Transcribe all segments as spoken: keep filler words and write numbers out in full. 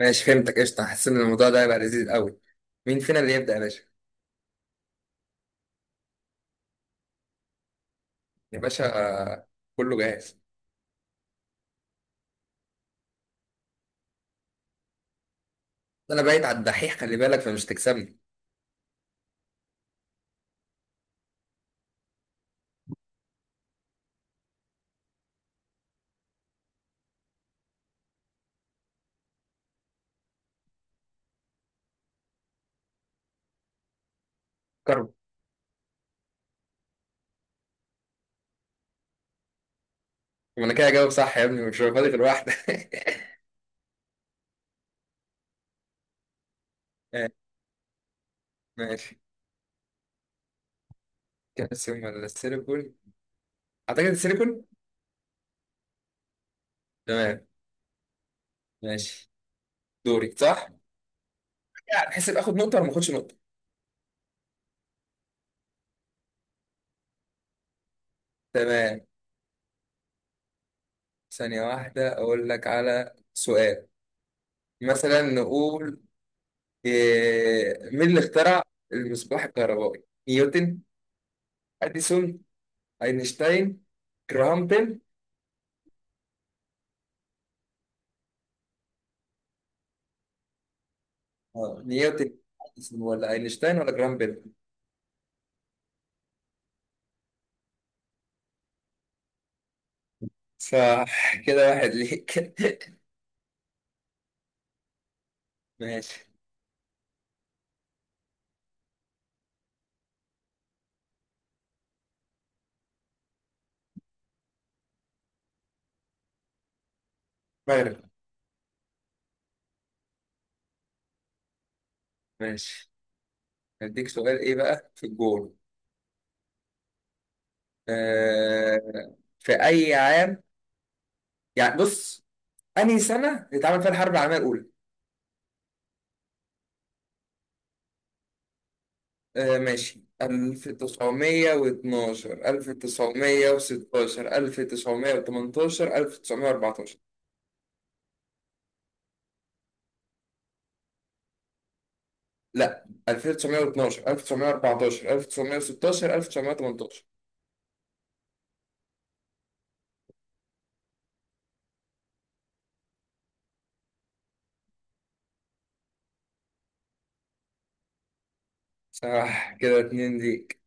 ماشي، فهمتك قشطة. حاسس إن الموضوع ده هيبقى لذيذ قوي. مين فينا اللي يبدأ يا باشا؟ يا باشا. آه، كله جاهز. أنا بايت على الدحيح، خلي بالك فمش تكسبني. كرب. وأنا كده هجاوب صح يا ابني؟ مش فاضي غير واحدة. آه، ماشي. كالسيوم ولا السيليكون؟ أعتقد السيليكون. تمام. ماشي. دوري صح؟ يعني تحسب آخد نقطة ولا ما آخدش نقطة؟ تمام. ثانية واحدة أقول لك على سؤال. مثلا نقول آه، مين اللي اخترع المصباح الكهربائي؟ نيوتن؟ أديسون؟ اينشتاين؟ جراهام بيل؟ آه، نيوتن؟ أديسون ولا اينشتاين ولا جراهام بيل؟ صح، كده واحد ليك. ماشي. مغرب. ماشي، هديك سؤال ايه بقى في الجول. آه في اي عام، يعني بص، انهي سنة اتعمل فيها الحرب العالمية الأولى؟ آه ماشي، ألف وتسعمية اتناشر، ألف وتسعمية وستة عشر، ألف وتسعمية وثمانية عشر، ألف وتسعمية اربعتاشر. لا، ألف وتسعمية اتناشر، ألف وتسعمية اربعتاشر، ألف وتسعمية وستة عشر، ألف وتسعمية تمنتاشر. صح، كده اتنين ليك.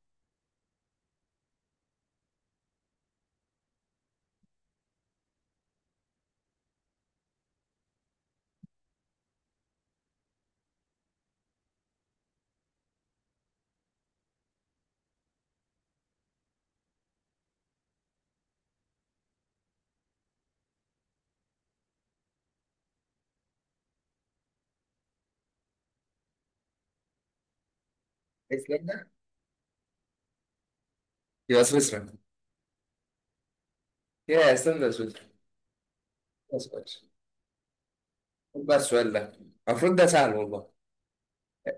ايسلندا؟ يبقى سويسرا. يا ايسلندا، سويسرا. بس بس. خد بقى السؤال ده، المفروض ده سهل والله.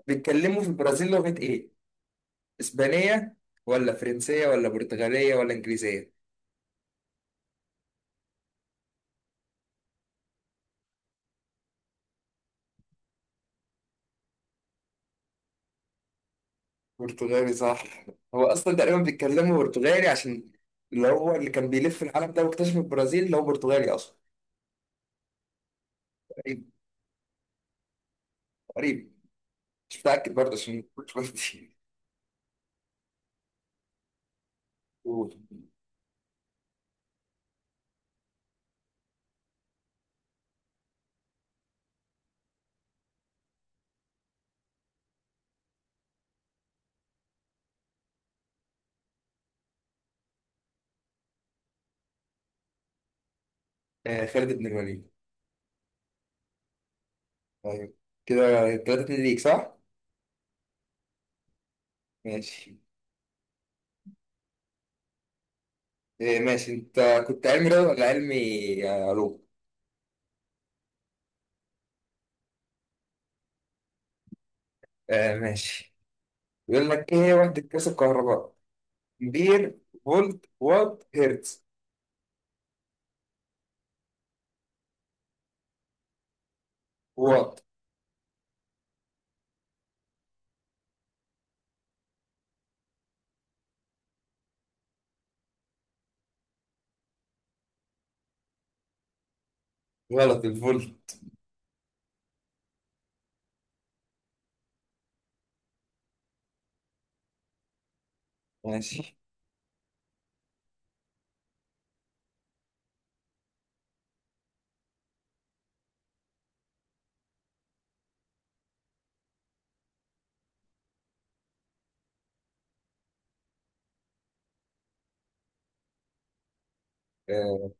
بيتكلموا في البرازيل لغة ايه؟ اسبانية ولا فرنسية ولا برتغالية ولا انجليزية؟ برتغالي صح. هو اصلا تقريبا بيتكلموا برتغالي عشان اللي هو اللي كان بيلف العالم ده واكتشف البرازيل، اللي هو برتغالي اصلا. قريب. قريب، مش متأكد برضه عشان مش قلت. آه، خالد بن الوليد. طيب كده تلاتة اتنين ليك صح؟ ماشي. آه ماشي، انت كنت علمي رياضة ولا علمي آه، علوم؟ آه ماشي. بيقول لك ايه هي وحدة قياس الكهرباء؟ امبير، فولت، وات، هرتز. وات. غلط، الفولت. ماشي. آه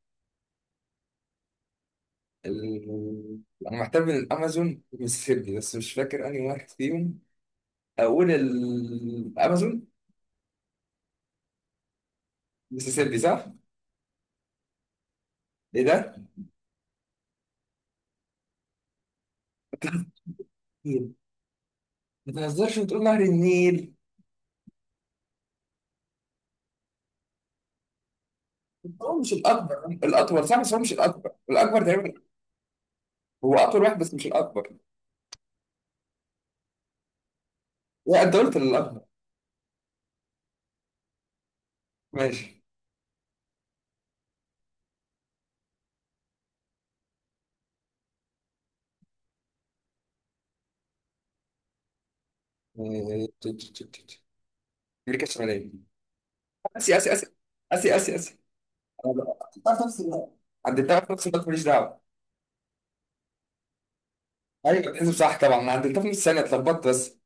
ال... انا محتار بين الامازون والمسيسيبي، بس مش فاكر انهي واحد فيهم. اقول ال- الامازون. المسيسيبي صح؟ ايه ده؟ ما تهزرش وتقول نهر النيل. هو مش الأكبر، الأطول صح، بس هو مش الأكبر، الأكبر تقريبا. هو أطول واحد بس مش الأكبر. لا، أنت قلت الأكبر. ماشي. إيه، ت- ت- ت- ت- أمريكا الشمالية. آسيا آسيا آسيا. آسيا آسيا آسيا. أنا بقى- عدتها في نفس الوقت. عدتها في نفس الوقت، ماليش دعوة. أيوة، بتحسب صح طبعا، أنا عدتها في نفس الثانية، اتلخبطت بس.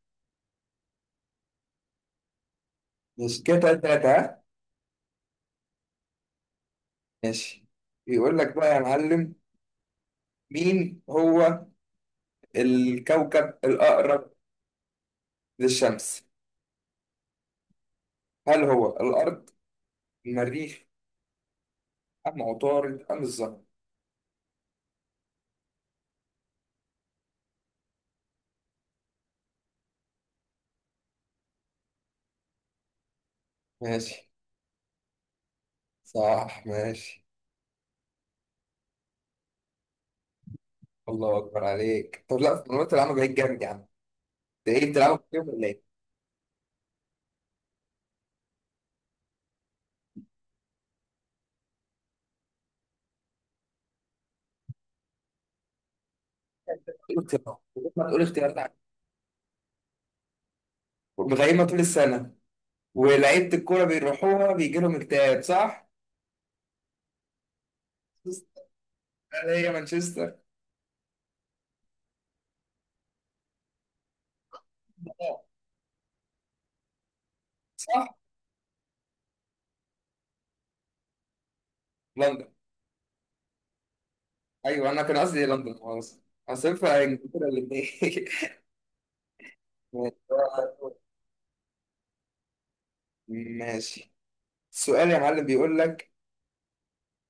ماشي، كده تلاتة تلاتة. ها؟ ماشي. يقول لك بقى يا معلم، مين هو الكوكب الأقرب للشمس؟ هل هو الأرض؟ المريخ؟ أم عطارد أم الزهر؟ ماشي. صح. ماشي. الله اكبر عليك، طب لا في المنوط العامة بقيت جامد يا عم. ده ايه، بتلعبوا كتير ولا ايه؟ ايه الاختيارات؟ ما تقول اختيارات. مغيمة طول السنة، ولعيبة الكورة بيروحوها بيجي لهم اكتئاب صح؟ هل هي مانشستر؟ آه. صح؟ لندن. ايوه، انا كان قصدي لندن، خلاص. هصفها انجلترا الاثنين. ماشي. السؤال يا معلم بيقول لك،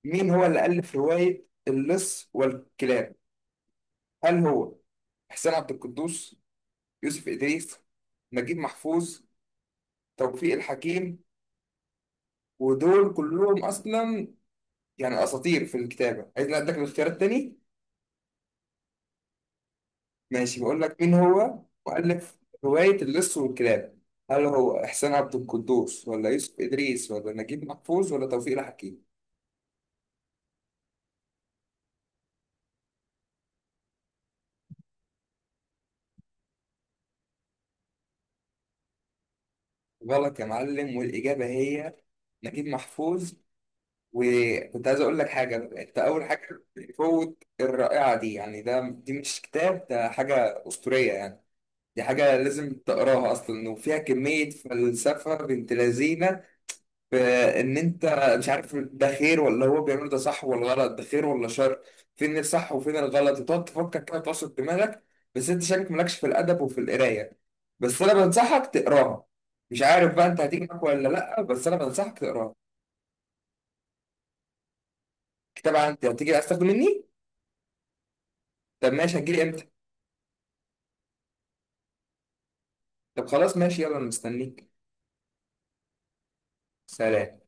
مين هو اللي ألف رواية اللص والكلاب؟ هل هو حسين عبد القدوس؟ يوسف إدريس؟ نجيب محفوظ؟ توفيق الحكيم؟ ودول كلهم أصلا يعني أساطير في الكتابة. عايز أديك الاختيارات تاني؟ ماشي، بقول لك مين هو مؤلف رواية اللص والكلاب؟ هل هو إحسان عبد القدوس ولا يوسف إدريس ولا نجيب محفوظ ولا توفيق الحكيم؟ غلط يا معلم، والإجابة هي نجيب محفوظ. وكنت عايز أقول لك حاجة، أنت أول حاجة فوت الرائعة دي. يعني ده، دي مش كتاب، ده حاجة أسطورية يعني. دي حاجة لازم تقراها أصلا، وفيها كمية فلسفة بنت لذينة في إن أنت مش عارف ده خير ولا هو بيعمله، ده صح ولا غلط، ده خير ولا شر. فين الصح وفين الغلط، وتقعد تفكر كده وتعصر دماغك. بس أنت شكلك مالكش في الأدب وفي القراية، بس أنا بنصحك تقراها. مش عارف بقى أنت هتيجي معاك ولا لأ، بس أنا بنصحك تقراها. كتاب عندي، هتيجي عايز تاخده مني؟ طب ماشي، هتجيلي إمتى؟ طب خلاص، ماشي يلا، أنا مستنيك. سلام.